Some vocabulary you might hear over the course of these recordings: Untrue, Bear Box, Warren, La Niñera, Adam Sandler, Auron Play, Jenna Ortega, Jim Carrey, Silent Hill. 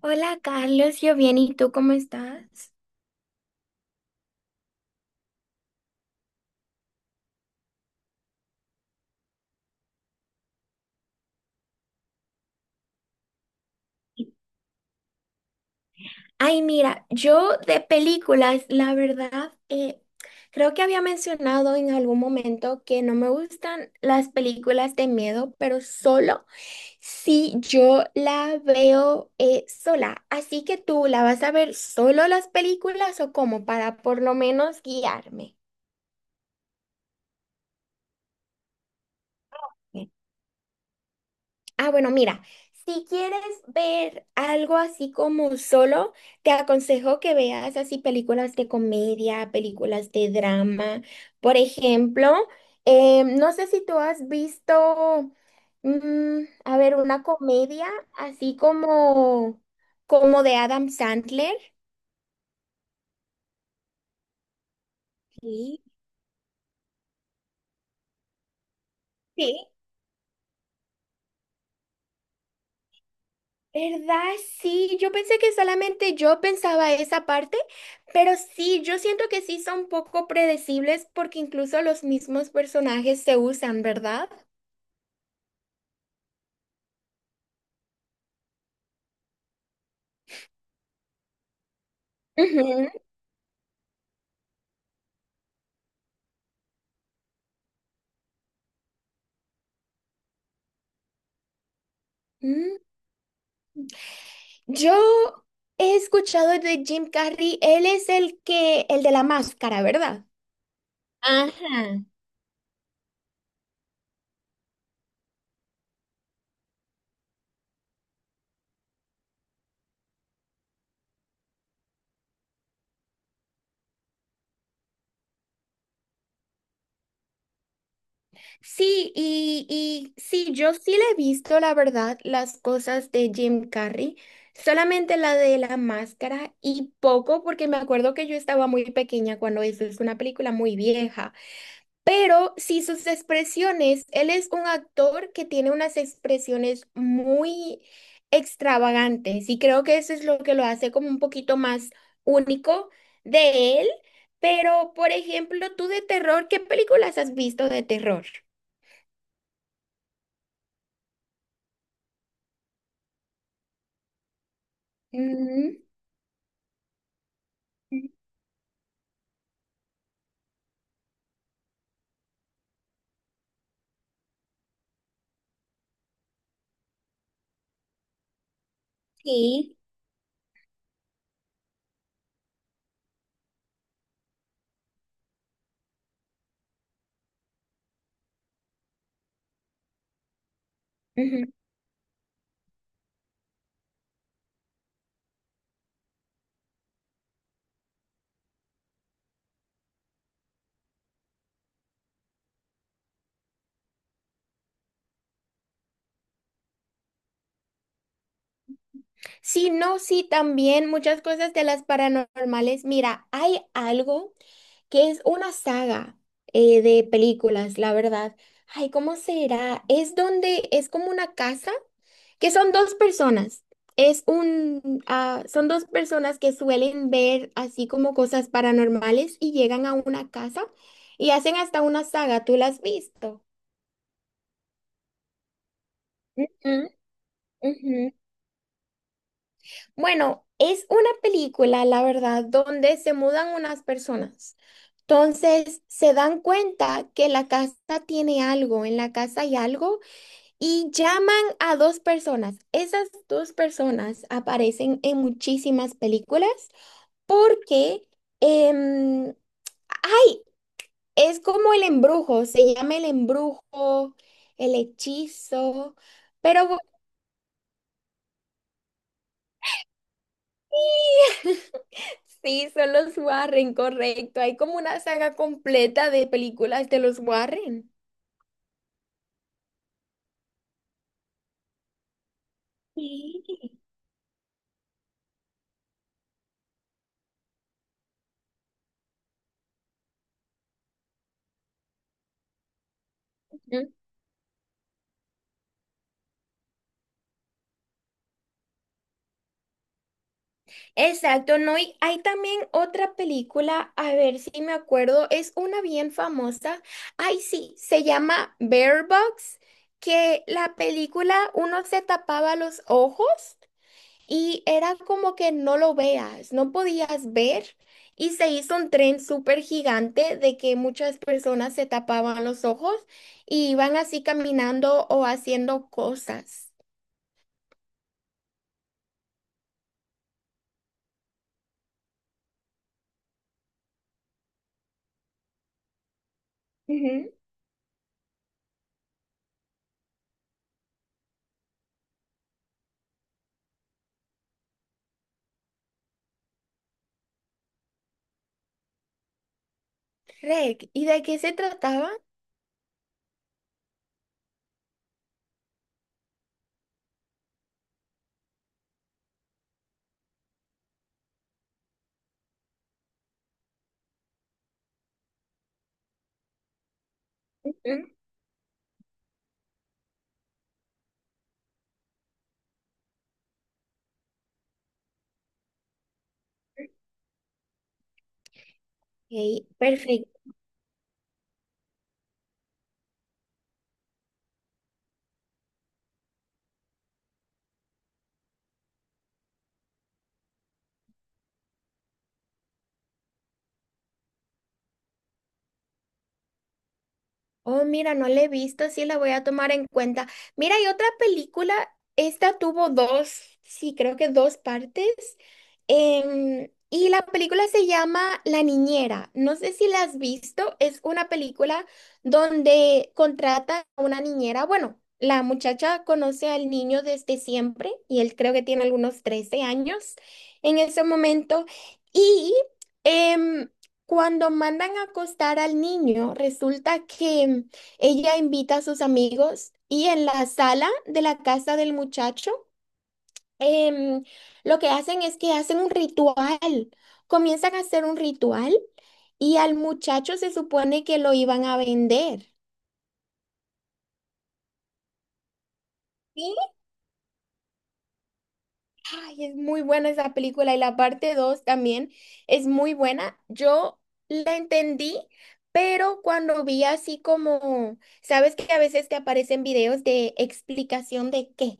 Hola Carlos, yo bien, ¿y tú cómo estás? Ay, mira, yo de películas, la verdad, creo que había mencionado en algún momento que no me gustan las películas de miedo, pero solo si yo la veo sola. Así que tú, ¿la vas a ver solo las películas o cómo? Para por lo menos guiarme. Ah, bueno, mira, si quieres ver algo así como solo, te aconsejo que veas así películas de comedia, películas de drama. Por ejemplo, no sé si tú has visto, a ver, una comedia así como, como de Adam Sandler. Sí. Sí. ¿Verdad? Sí, yo pensé que solamente yo pensaba esa parte, pero sí, yo siento que sí son poco predecibles porque incluso los mismos personajes se usan, ¿verdad? Ujú. Mm. Yo he escuchado de Jim Carrey, él es el que, el de la máscara, ¿verdad? Ajá. Sí, y sí, yo sí le he visto, la verdad, las cosas de Jim Carrey, solamente la de la máscara y poco, porque me acuerdo que yo estaba muy pequeña cuando eso, es una película muy vieja, pero sí sus expresiones, él es un actor que tiene unas expresiones muy extravagantes y creo que eso es lo que lo hace como un poquito más único de él. Pero por ejemplo, tú de terror, ¿qué películas has visto de terror? Ujú. Sí. Ujú. Sí, no, sí, también muchas cosas de las paranormales. Mira, hay algo que es una saga de películas, la verdad. Ay, ¿cómo será? Es donde es como una casa que son dos personas. Es un, ah, son dos personas que suelen ver así como cosas paranormales y llegan a una casa y hacen hasta una saga. ¿Tú la has visto? Ujú, ujú. Bueno, es una película, la verdad, donde se mudan unas personas. Entonces se dan cuenta que la casa tiene algo, en la casa hay algo, y llaman a dos personas. Esas dos personas aparecen en muchísimas películas porque em, ay, es como el embrujo, se llama el embrujo, el hechizo, pero bu- Sí, son los Warren, correcto. Hay como una saga completa de películas de los Warren. Sí. Ujú. Exacto, no, y hay también otra película, a ver si me acuerdo, es una bien famosa. Ay, sí, se llama Bear Box, que la película uno se tapaba los ojos. Y era como que no lo veas, no podías ver. Y se hizo un tren súper gigante de que muchas personas se tapaban los ojos y iban así caminando o haciendo cosas. Ujú. Reg, ¿y de qué se trataba? Ujú. Ok, perfecto. Oh, mira, no la he visto, sí la voy a tomar en cuenta. Mira, hay otra película, esta tuvo dos, sí, creo que dos partes. Y la película se llama La Niñera. No sé si la has visto, es una película donde contrata a una niñera. Bueno, la muchacha conoce al niño desde siempre y él creo que tiene algunos 13 años en ese momento. Y em, cuando mandan a acostar al niño, resulta que ella invita a sus amigos y en la sala de la casa del muchacho, em, lo que hacen es que hacen un ritual. Comienzan a hacer un ritual y al muchacho se supone que lo iban a vender. Sí, ay, es muy buena esa película y la parte 2 también es muy buena. Yo la entendí, pero cuando vi así como, sabes que a veces te aparecen videos de explicación de qué,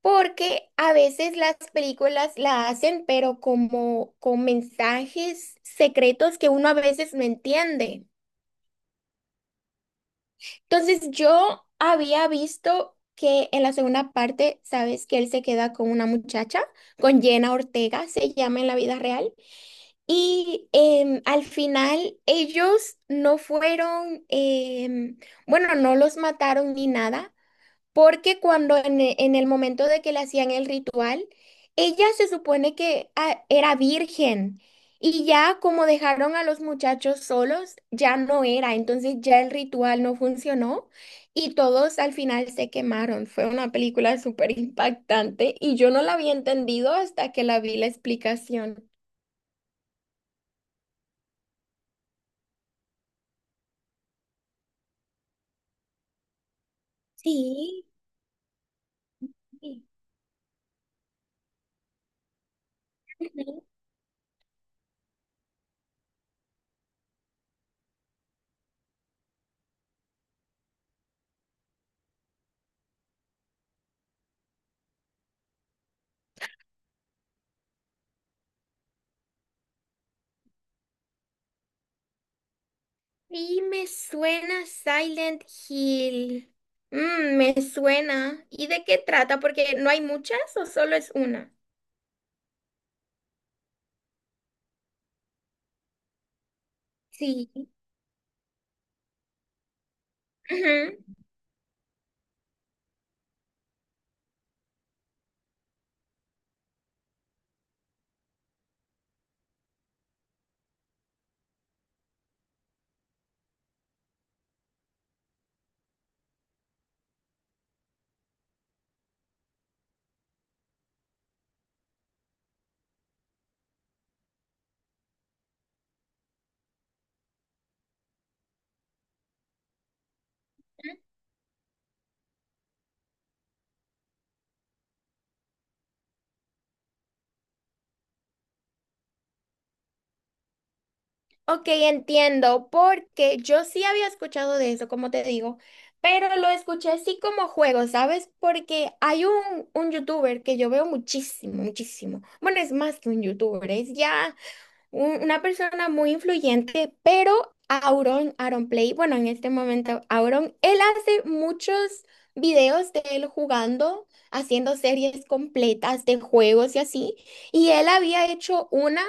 porque a veces las películas la hacen, pero como con mensajes secretos que uno a veces no entiende. Entonces yo había visto que en la segunda parte, sabes que él se queda con una muchacha, con Jenna Ortega, se llama en la vida real, y al final ellos no fueron, bueno, no los mataron ni nada, porque cuando en, e- en el momento de que le hacían el ritual, ella se supone que ah, era virgen y ya como dejaron a los muchachos solos, ya no era, entonces ya el ritual no funcionó y todos al final se quemaron. Fue una película súper impactante y yo no la había entendido hasta que la vi la explicación. Sí. Ujú. Y me suena Silent Hill. Mm, me suena. ¿Y de qué trata? Porque no hay muchas o solo es una. Sí. Ujú. Ok, entiendo, porque yo sí había escuchado de eso, como te digo, pero lo escuché así como juego, ¿sabes? Porque hay un youtuber que yo veo muchísimo, muchísimo. Bueno, es más que un youtuber, es ya un- una persona muy influyente, pero Auron, Auron Play, bueno, en este momento Auron, él hace muchos videos de él jugando, haciendo series completas de juegos y así, y él había hecho una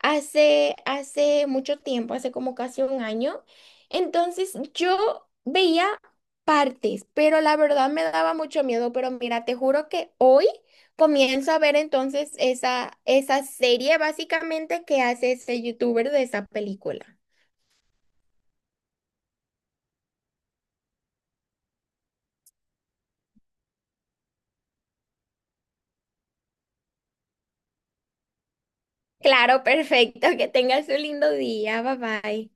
hace, hace mucho tiempo, hace como casi un año, entonces yo veía partes, pero la verdad me daba mucho miedo, pero mira, te juro que hoy... Comienzo a ver entonces esa serie básicamente que hace ese youtuber de esa película. Claro, perfecto. Que tengas un lindo día. Bye bye.